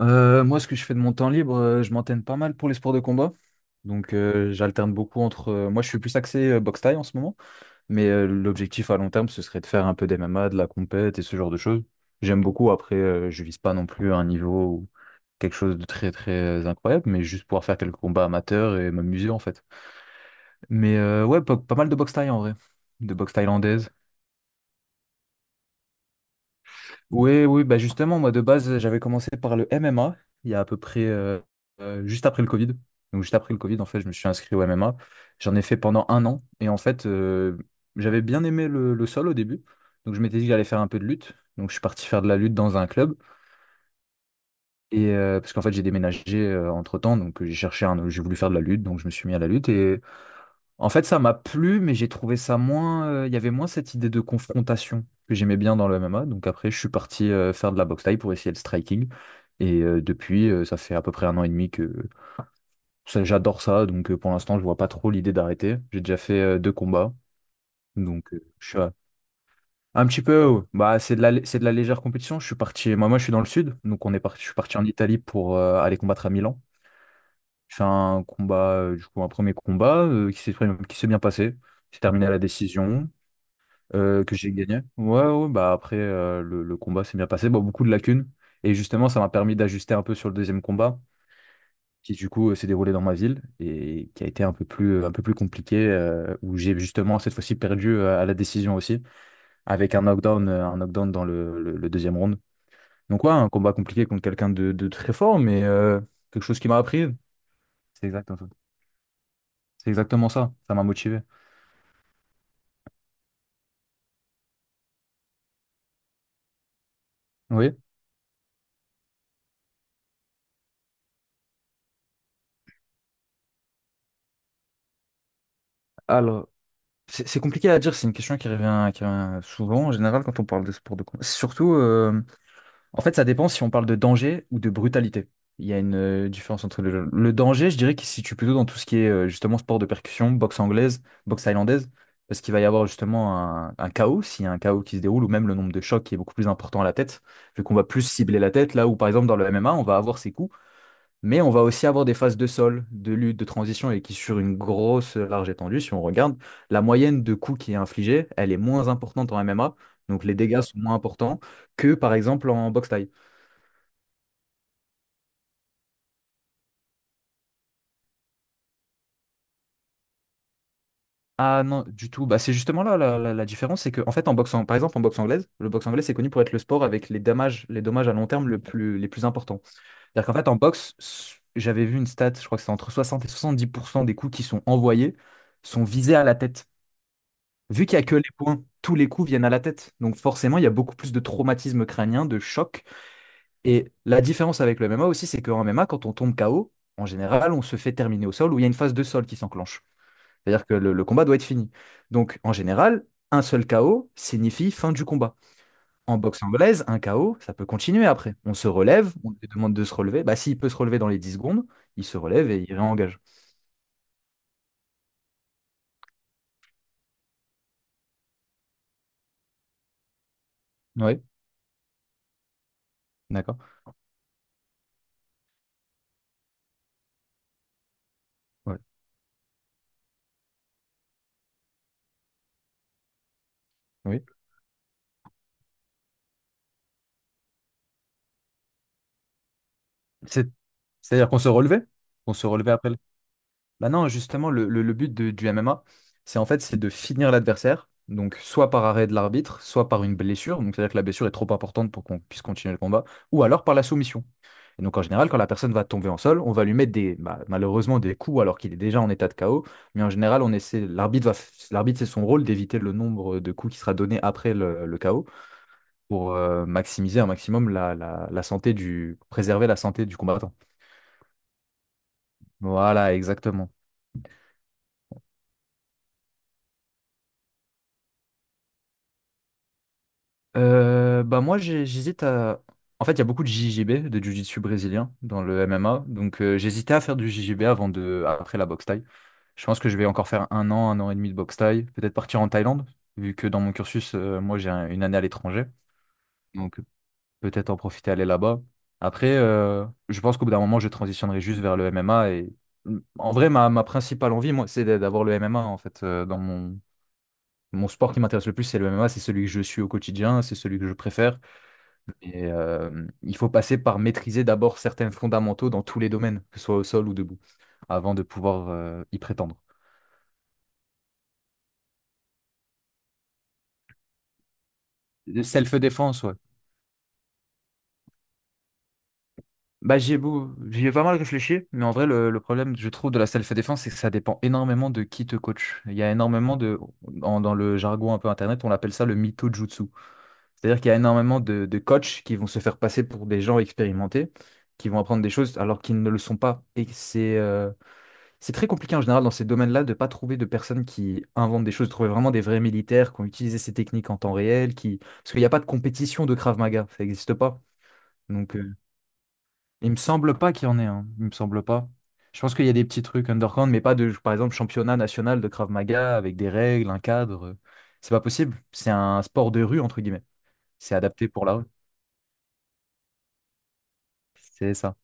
Moi, ce que je fais de mon temps libre, je m'entraîne pas mal pour les sports de combat. Donc, j'alterne beaucoup entre... moi, je suis plus axé boxe thaï en ce moment, mais l'objectif à long terme, ce serait de faire un peu d'MMA, de la compète et ce genre de choses. J'aime beaucoup. Après, je vise pas non plus un niveau ou quelque chose de très très incroyable, mais juste pouvoir faire quelques combats amateurs et m'amuser en fait. Mais ouais, pas mal de boxe thaï en vrai, de boxe thaïlandaise. Oui, oui, bah justement, moi de base, j'avais commencé par le MMA il y a à peu près juste après le Covid. Donc juste après le Covid, en fait, je me suis inscrit au MMA. J'en ai fait pendant un an. Et en fait, j'avais bien aimé le sol au début. Donc je m'étais dit que j'allais faire un peu de lutte. Donc je suis parti faire de la lutte dans un club. Et parce qu'en fait, j'ai déménagé entre-temps. Donc j'ai cherché j'ai voulu faire de la lutte. Donc je me suis mis à la lutte. Et en fait, ça m'a plu, mais j'ai trouvé ça moins... Il y avait moins cette idée de confrontation que j'aimais bien dans le MMA. Donc après, je suis parti faire de la boxe thaï pour essayer le striking. Et depuis, ça fait à peu près un an et demi que j'adore ça. Donc pour l'instant, je vois pas trop l'idée d'arrêter. J'ai déjà fait deux combats. Donc je suis un petit peu. Bah, c'est de c'est de la légère compétition. Je suis parti. Moi, je suis dans le sud. Donc je suis parti en Italie pour aller combattre à Milan. J'ai fait un combat, du coup, un premier combat qui s'est bien passé. J'ai terminé à la décision, que j'ai gagné. Ouais, ouais, bah après, le combat s'est bien passé. Bon, beaucoup de lacunes. Et justement, ça m'a permis d'ajuster un peu sur le deuxième combat, qui du coup s'est déroulé dans ma ville et qui a été un peu plus compliqué, où j'ai justement cette fois-ci perdu à la décision aussi, avec un knockdown dans le deuxième round. Donc ouais, un combat compliqué contre quelqu'un de très fort, mais quelque chose qui m'a appris. C'est exactement ça. C'est exactement ça. Ça m'a motivé. Oui. Alors, c'est compliqué à dire, c'est une question qui revient souvent en général quand on parle de sport de combat. Surtout, en fait, ça dépend si on parle de danger ou de brutalité. Il y a une différence entre les deux. Le danger, je dirais qu'il se situe plutôt dans tout ce qui est justement sport de percussion, boxe anglaise, boxe thaïlandaise, parce qu'il va y avoir justement un chaos, s'il y a un chaos qui se déroule, ou même le nombre de chocs qui est beaucoup plus important à la tête, vu qu'on va plus cibler la tête, là où par exemple dans le MMA, on va avoir ces coups. Mais on va aussi avoir des phases de sol, de lutte, de transition et qui, sur une grosse large étendue, si on regarde, la moyenne de coups qui est infligée, elle est moins importante en MMA. Donc les dégâts sont moins importants que, par exemple, en boxe thaï. Ah non, du tout. Bah, c'est justement là la différence, c'est que, en fait, en boxe, par exemple, en boxe anglaise, c'est connu pour être le sport avec les dommages à long terme les plus importants. C'est-à-dire qu'en fait, en boxe, j'avais vu une stat, je crois que c'est entre 60 et 70% des coups qui sont envoyés sont visés à la tête. Vu qu'il n'y a que les points, tous les coups viennent à la tête. Donc forcément, il y a beaucoup plus de traumatisme crânien, de choc. Et la différence avec le MMA aussi, c'est qu'en MMA, quand on tombe KO, en général, on se fait terminer au sol ou il y a une phase de sol qui s'enclenche. C'est-à-dire que le combat doit être fini. Donc en général, un seul KO signifie fin du combat. En boxe anglaise, un KO, ça peut continuer après. On se relève, on lui demande de se relever. Bah, s'il peut se relever dans les 10 secondes, il se relève et il réengage. Oui, d'accord. Ouais. Oui. C'est- C'est-à-dire qu'on se relevait? On se relevait après le... Bah non, justement, le but du MMA, c'est en fait, c'est de finir l'adversaire, donc soit par arrêt de l'arbitre, soit par une blessure, donc c'est-à-dire que la blessure est trop importante pour qu'on puisse continuer le combat, ou alors par la soumission. Et donc en général, quand la personne va tomber en sol, on va lui mettre des, bah, malheureusement, des coups alors qu'il est déjà en état de KO, mais en général, on essaie, l'arbitre, c'est son rôle d'éviter le nombre de coups qui sera donné après le KO pour maximiser un maximum préserver la santé du combattant. Voilà, exactement. Bah moi j'hésite à... En fait, il y a beaucoup de JJB, de Jiu-Jitsu brésilien dans le MMA, donc j'hésitais à faire du JJB avant de... après la boxe thaï. Je pense que je vais encore faire un an et demi de boxe thaï, peut-être partir en Thaïlande, vu que dans mon cursus moi j'ai une année à l'étranger, donc peut-être en profiter aller là-bas. Après je pense qu'au bout d'un moment je transitionnerai juste vers le MMA et en vrai ma principale envie moi c'est d'avoir le MMA en fait dans mon... Mon sport qui m'intéresse le plus, c'est le MMA, c'est celui que je suis au quotidien, c'est celui que je préfère. Et, il faut passer par maîtriser d'abord certains fondamentaux dans tous les domaines, que ce soit au sol ou debout, avant de pouvoir y prétendre. Self-défense, ouais. Bah, j'y ai pas mal réfléchi, mais en vrai, le problème, je trouve, de la self-défense, c'est que ça dépend énormément de qui te coach. Il y a énormément de... Dans le jargon un peu internet, on appelle ça le mytho-jutsu. C'est-à-dire qu'il y a énormément de coachs qui vont se faire passer pour des gens expérimentés, qui vont apprendre des choses alors qu'ils ne le sont pas. Et c'est... C'est très compliqué en général dans ces domaines-là de ne pas trouver de personnes qui inventent des choses, de trouver vraiment des vrais militaires qui ont utilisé ces techniques en temps réel, qui... parce qu'il n'y a pas de compétition de Krav Maga, ça n'existe pas. Donc il me semble pas qu'il y en ait, hein. Il me semble pas. Je pense qu'il y a des petits trucs underground, mais pas de, par exemple, championnat national de Krav Maga avec des règles, un cadre. C'est pas possible. C'est un sport de rue, entre guillemets. C'est adapté pour la rue. C'est ça.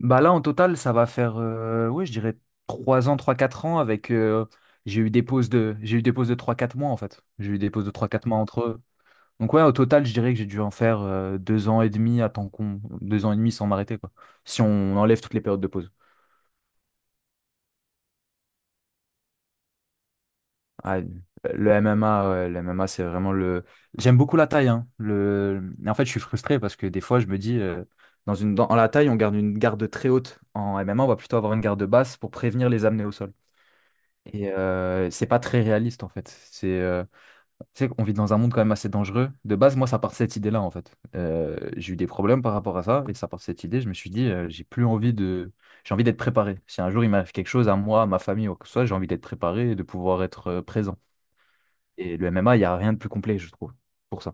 Bah là, en total, ça va faire, ouais, je dirais 3 ans, trois quatre ans avec. J'ai eu des pauses de trois quatre mois en fait. J'ai eu des pauses de trois quatre mois entre eux. Donc ouais, au total, je dirais que j'ai dû en faire 2 ans et demi 2 ans et demi sans m'arrêter quoi. Si on enlève toutes les périodes de pause. Ah, le MMA, ouais, le MMA, c'est vraiment le... J'aime beaucoup la taille, hein. Le... En fait, je suis frustré parce que des fois, je me dis... Dans dans la taille, on garde une garde très haute. En MMA, on va plutôt avoir une garde basse pour prévenir les amener au sol. Et c'est pas très réaliste en fait. Tu sais, on vit dans un monde quand même assez dangereux. De base, moi, ça part de cette idée-là en fait. J'ai eu des problèmes par rapport à ça et ça part de cette idée. Je me suis dit, j'ai envie d'être préparé. Si un jour il m'arrive quelque chose à moi, à ma famille ou quoi que ce soit, j'ai envie d'être préparé et de pouvoir être présent. Et le MMA, il y a rien de plus complet, je trouve, pour ça.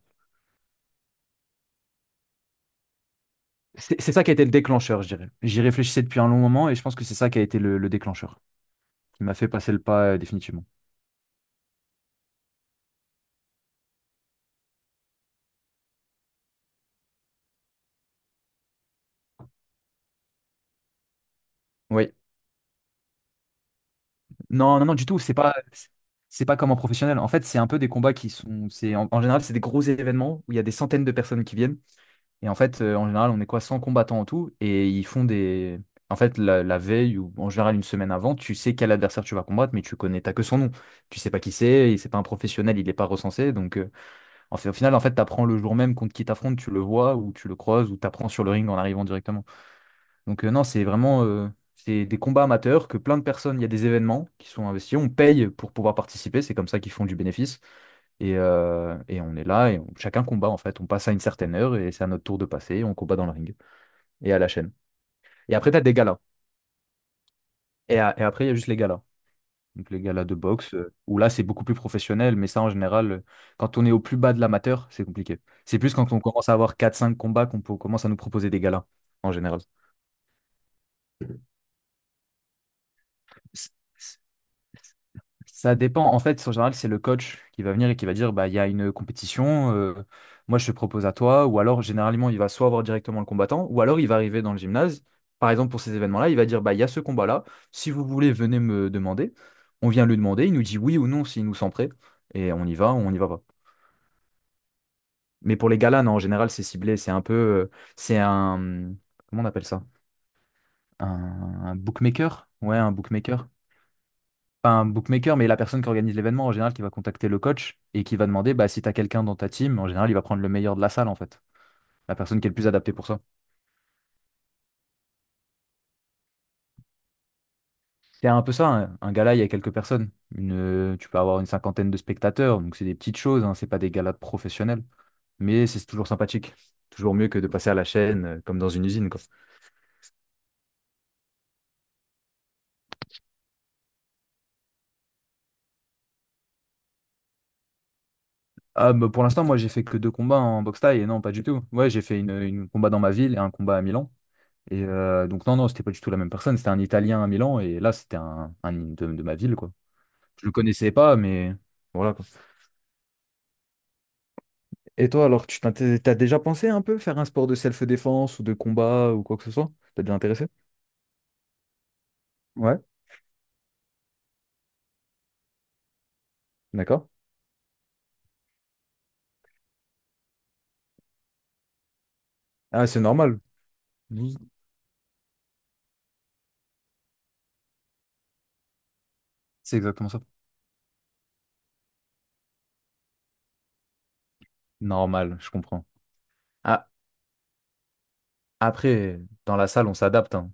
C'est ça qui a été le déclencheur, je dirais. J'y réfléchissais depuis un long moment et je pense que c'est ça qui a été le déclencheur, qui m'a fait passer le pas définitivement. Oui. Non, non, non, du tout. C'est pas comme en professionnel. En fait, c'est un peu des combats qui sont, c'est en général, c'est des gros événements où il y a des centaines de personnes qui viennent. Et en fait, en général, on est quoi, 100 combattants en tout. Et ils font des, en fait, la veille ou en général une semaine avant, tu sais quel adversaire tu vas combattre, mais tu connais, t'as que son nom. Tu sais pas qui c'est. Et c'est pas un professionnel, il est pas recensé. Donc, en fait, au final, en fait, t'apprends le jour même contre qui t'affrontes, tu le vois ou tu le croises ou t'apprends sur le ring en arrivant directement. Donc non, c'est vraiment c'est des combats amateurs que plein de personnes, il y a des événements qui sont investis, on paye pour pouvoir participer, c'est comme ça qu'ils font du bénéfice. Et on est là et chacun combat en fait. On passe à une certaine heure et c'est à notre tour de passer, on combat dans le ring et à la chaîne. Et après, t'as des galas. Et après, il y a juste les galas. Donc les galas de boxe, où là c'est beaucoup plus professionnel, mais ça en général, quand on est au plus bas de l'amateur, c'est compliqué. C'est plus quand on commence à avoir quatre cinq combats qu'on commence à nous proposer des galas, en général. Ça dépend. En fait, en général, c'est le coach qui va venir et qui va dire, bah, il y a une compétition, moi je te propose à toi. Ou alors, généralement, il va soit voir directement le combattant, ou alors il va arriver dans le gymnase. Par exemple, pour ces événements-là, il va dire, bah, il y a ce combat-là. Si vous voulez, venez me demander. On vient lui demander, il nous dit oui ou non s'il nous sent prêt. Et on y va ou on n'y va pas. Mais pour les galas, non, en général, c'est ciblé. C'est un peu. C'est un. Comment on appelle ça? Un, un bookmaker? Ouais, un bookmaker. Pas un bookmaker, mais la personne qui organise l'événement en général qui va contacter le coach et qui va demander bah, si tu as quelqu'un dans ta team, en général, il va prendre le meilleur de la salle en fait. La personne qui est le plus adaptée pour ça. C'est un peu ça, hein. Un gala, il y a quelques personnes. Une, tu peux avoir une cinquantaine de spectateurs, donc c'est des petites choses, hein, c'est pas des galas de professionnels. Mais c'est toujours sympathique. Toujours mieux que de passer à la chaîne comme dans une usine, quoi. Ah, bah, pour l'instant, moi, j'ai fait que deux combats en boxe thaï, et non, pas du tout. Ouais, j'ai fait une combat dans ma ville et un combat à Milan. Et donc, non, non, c'était pas du tout la même personne. C'était un Italien à Milan et là, c'était un de ma ville, quoi. Je le connaissais pas, mais voilà, quoi. Et toi, alors, tu t'as déjà pensé un peu faire un sport de self-défense ou de combat ou quoi que ce soit? T'as déjà intéressé? Ouais, d'accord. Ah, c'est normal. Oui, c'est exactement ça. Normal, je comprends. Ah, après, dans la salle, on s'adapte, hein.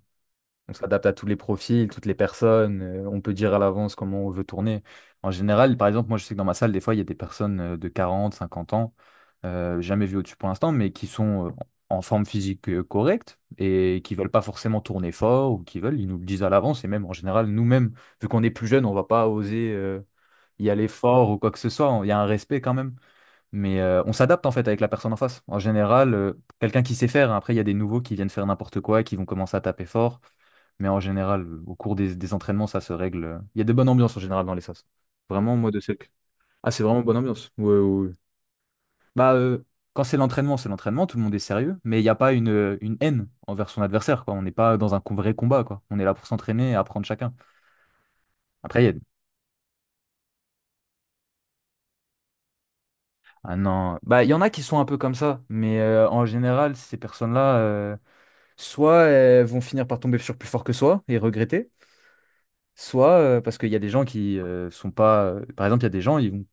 On s'adapte à tous les profils, toutes les personnes. On peut dire à l'avance comment on veut tourner. En général, par exemple, moi, je sais que dans ma salle, des fois, il y a des personnes de 40, 50 ans, jamais vues au-dessus pour l'instant, mais qui sont en forme physique correcte et qui veulent pas forcément tourner fort ou qui veulent, ils nous le disent à l'avance. Et même, en général, nous-mêmes, vu qu'on est plus jeunes, on va pas oser y aller fort ou quoi que ce soit. Il y a un respect quand même. Mais on s'adapte en fait avec la personne en face. En général, quelqu'un qui sait faire, hein, après il y a des nouveaux qui viennent faire n'importe quoi, qui vont commencer à taper fort. Mais en général, au cours des entraînements, ça se règle. Il y a de bonnes ambiances en général dans les SAS. Vraiment, moi, de cirque. Ah, c'est vraiment bonne ambiance. Ouais, ouais, ouais. Bah, quand c'est l'entraînement, tout le monde est sérieux, mais il n'y a pas une haine envers son adversaire, quoi. On n'est pas dans un vrai combat, quoi. On est là pour s'entraîner et apprendre chacun. Après, il y a... Ah non. Bah, il y en a qui sont un peu comme ça, mais en général, ces personnes-là. Soit elles vont finir par tomber sur plus fort que soi et regretter, soit parce qu'il y a des gens qui sont pas. Par exemple, il y a des gens, ils vont,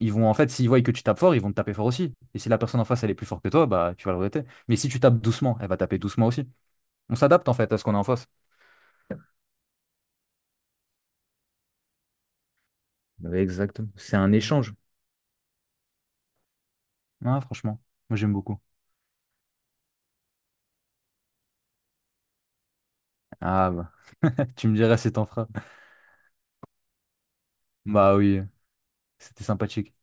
ils vont en fait, s'ils voient que tu tapes fort, ils vont te taper fort aussi. Et si la personne en face, elle est plus forte que toi, bah tu vas le regretter. Mais si tu tapes doucement, elle va taper doucement aussi. On s'adapte en fait à ce qu'on a en face. Ouais, exactement. C'est un échange. Ah, franchement, moi j'aime beaucoup. Ah bah, tu me diras si t'en feras. Bah oui, c'était sympathique.